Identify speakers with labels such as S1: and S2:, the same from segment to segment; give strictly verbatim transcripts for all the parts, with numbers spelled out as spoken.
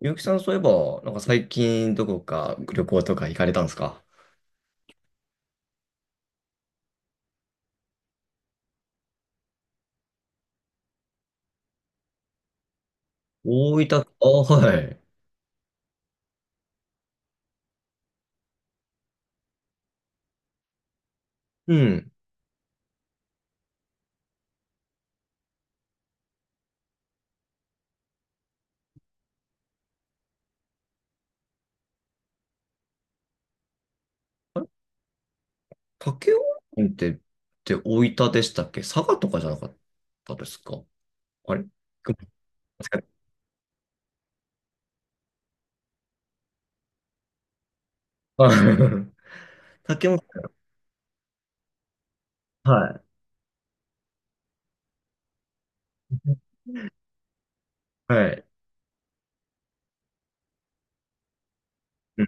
S1: ゆうきさん、そういえば、なんか最近どこか旅行とか行かれたんですか？大分、あ、はい。うん。あれ、武雄温泉って、って大分でしたっけ？佐賀とかじゃなかったですか？あれ、ごめん、間違えた。あ、 武雄、はい。はい。うん。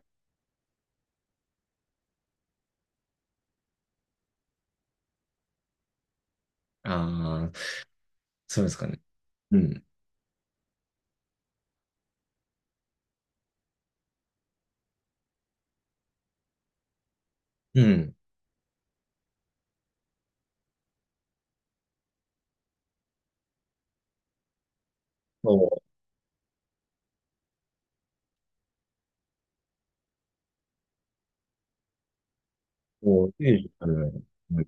S1: ああ、そうですかね。うん。うん。そう。もう、いいですね。うん。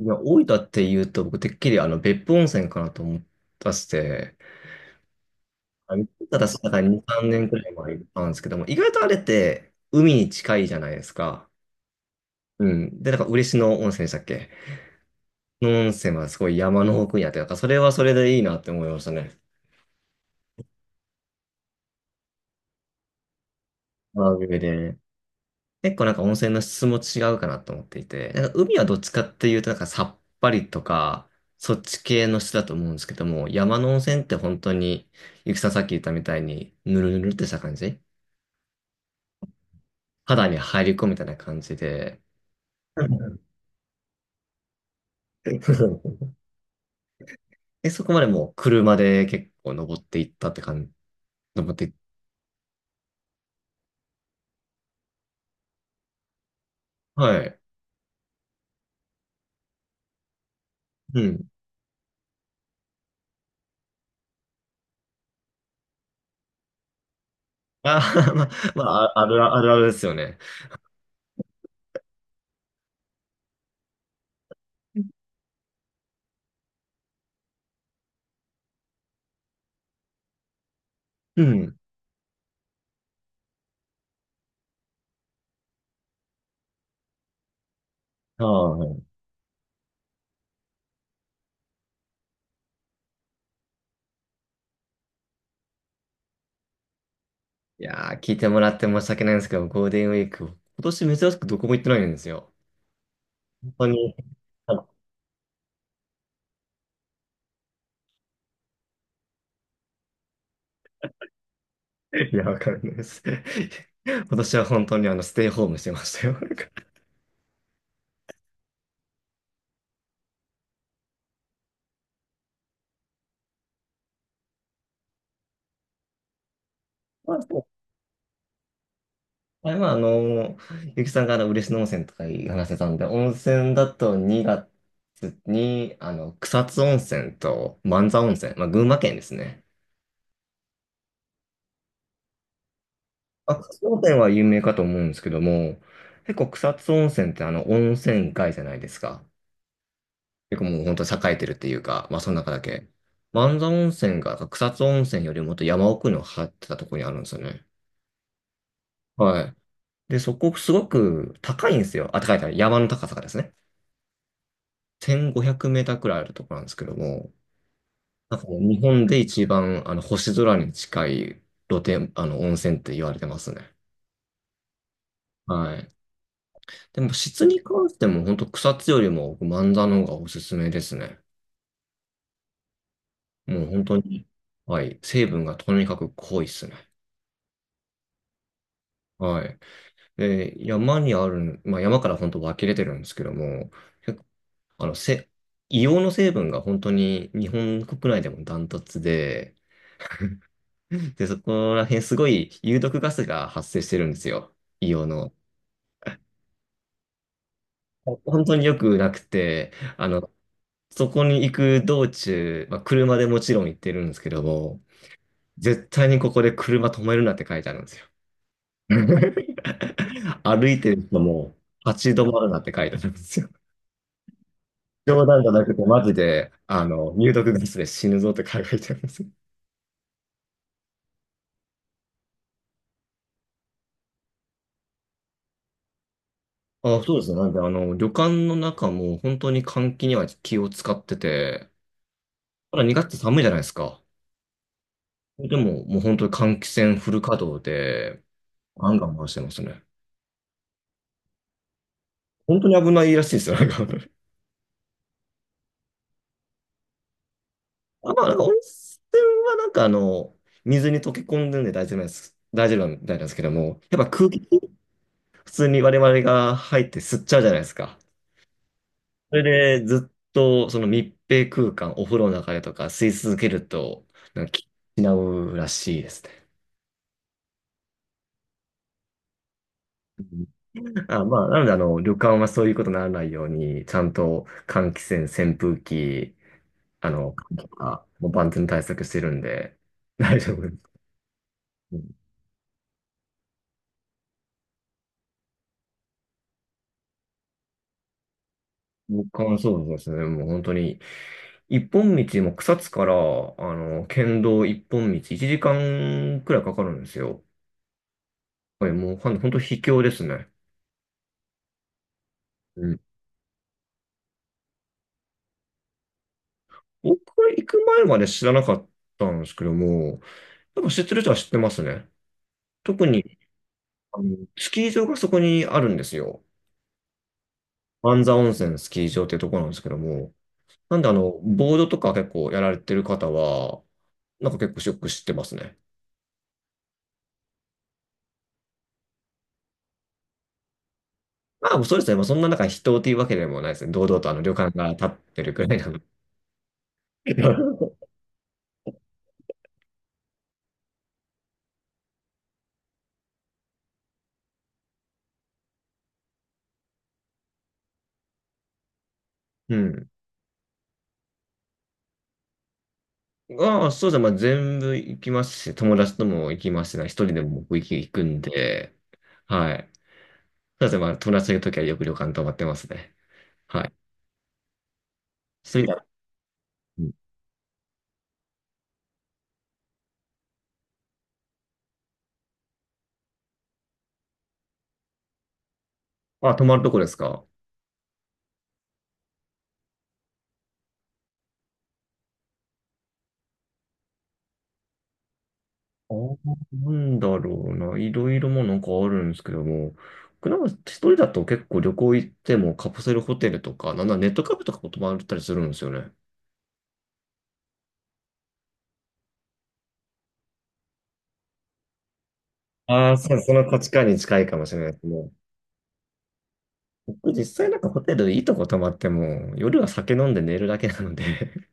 S1: いや、大分って言うと、僕、てっきりあの、別府温泉かなと思ったして、あただその中にに、さんねんくらい前にあるんですけども、意外とあれって海に近いじゃないですか。うん。で、なんか嬉野温泉でしたっけ、の温泉はすごい山の奥にあって、なんかそれはそれでいいなって思いましたね。まあ上で。結構なんか温泉の質も違うかなと思っていて、なんか海はどっちかっていうとなんかさっぱりとか、そっち系の質だと思うんですけども、山の温泉って本当に、ゆきさんさっき言ったみたいに、ぬるぬるってした感じ、肌に入り込むみたいな感じで、え、そこまでもう車で結構登っていったって感じ。登って、はい。うん。あー、まあ、まあ、あるあるあるですよね。うん。はい。いやー、聞いてもらって申し訳ないんですけど、ゴールデンウィーク、今年珍しくどこも行ってないんですよ。本当に。いや、わかんないです。今年は本当にあの、ステイホームしてましたよ。あれは、あの、ゆきさんがあの嬉野温泉とか話せたんで、温泉だとにがつに、あの、草津温泉と万座温泉、まあ、群馬県ですね。まあ、草津温泉は有名かと思うんですけども、結構草津温泉ってあの、温泉街じゃないですか。結構もう本当栄えてるっていうか、まあ、その中だけ。万座温泉が草津温泉よりもっと山奥の張ってたところにあるんですよね。はい。で、そこすごく高いんですよ。あ、高い高い。山の高さがですね、せんごひゃくメーターくらいあるところなんですけども、なんかもう日本で一番あの星空に近い露天、あの温泉って言われてますね。はい。でも質に関しても本当草津よりも僕万座の方がおすすめですね。もう本当に、はい。成分がとにかく濃いですね。はい。で、山にある、まあ山から本当湧き出てるんですけども、結構あの、せ、硫黄の成分が本当に日本国内でもダントツで、で、そこら辺すごい有毒ガスが発生してるんですよ。硫黄の。本当によくなくて、あの、そこに行く道中、まあ、車でもちろん行ってるんですけども、絶対にここで車止めるなって書いてあるんですよ。歩いてる人も立ち止まるなって書いてあるんですよ。冗談じゃなくて、マジで、あの、有毒ガスで死ぬぞって書いてあるんですよ。あ、そうですね。なんで、あの、旅館の中も本当に換気には気を使ってて、ほら、にがつって寒いじゃないですか。でも、もう本当に換気扇フル稼働で、ガンガン回してますね。本当に危ないらしいですよ。なんか、 あ、まあ、なんか温泉はなんかあの、水に溶け込んでるんで大丈夫なんです。大丈夫みたいなんですけども、やっぱ空気、普通に我々が入って吸っちゃうじゃないですか。それでずっとその密閉空間、お風呂の中でとか吸い続けると、なんか失うらしいですね。あ、まあ、なので、あの、旅館はそういうことにならないように、ちゃんと換気扇、扇風機、あの、とか、もう万全対策してるんで、大丈夫です。うん。僕はそうですね。もう本当に、一本道も草津から、あの、県道一本道、いちじかんくらいかかるんですよ。これもうほん本当秘境ですね。うん。僕は行く前まで知らなかったんですけども、やっぱ知ってる人は知ってますね。特に、あの、スキー場がそこにあるんですよ。万座温泉スキー場っていうところなんですけども、なんであの、ボードとか結構やられてる方は、なんか結構ショックしてますね。まあ、そうですね。まあ、そんな中人っていうわけでもないですね。堂々とあの旅館が立ってるくらいなので。うん。まあ、そうですね。まあ、全部行きますし、友達とも行きますし、一人でも僕行き行くんで、はい。そうですね。まあ、友達といるときはよく旅館泊まってますね。はい。そういう意味では、うん。あ、泊まるとこですか？あー、なんだろうな。いろいろもうなんかあるんですけども、僕なんか一人だと結構旅行行ってもカプセルホテルとか、なんならネットカフェとかも泊まったりするんですよね。まさにその価値観に近いかもしれないですね。僕実際なんかホテルいいとこ泊まっても、夜は酒飲んで寝るだけなので、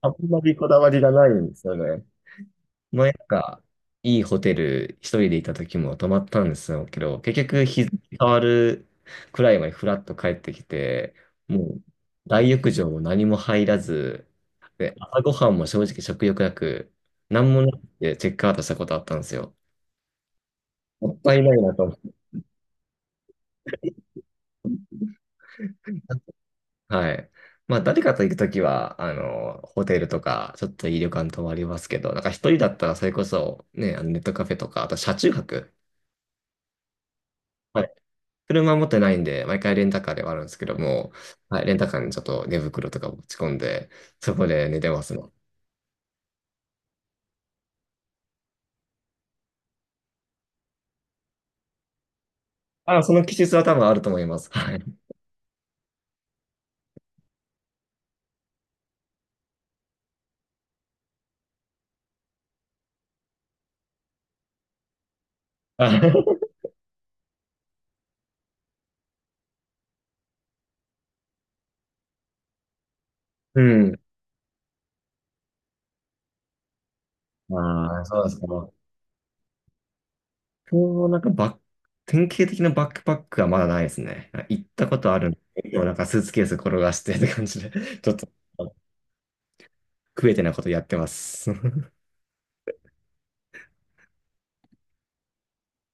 S1: あんまりこだわりがないんですよね。前なんか、いいホテル一人でいた時も泊まったんですよけど、結局日付変わるくらいまでフラッと帰ってきて、もう大浴場も何も入らず、で、朝ごはんも正直食欲なく、何もなくてチェックアウトしたことあったんですよ。もったいないなと。はい。まあ、誰かと行くときは、あの、ホテルとか、ちょっといい旅館泊まりますけど、なんか一人だったらそれこそ、ね、あのネットカフェとか、あと車中泊。はい。車持ってないんで、毎回レンタカーではあるんですけども、はい、レンタカーにちょっと寝袋とか持ち込んで、そこで寝てますね。あ、その気質は多分あると思います。はい。あ、 うん。ああ、そうですか。こう、なんかバック、典型的なバックパックはまだないですね。行ったことあるんで、でもなんかスーツケース転がしてって感じで、ちょっと。食えてないことやってます。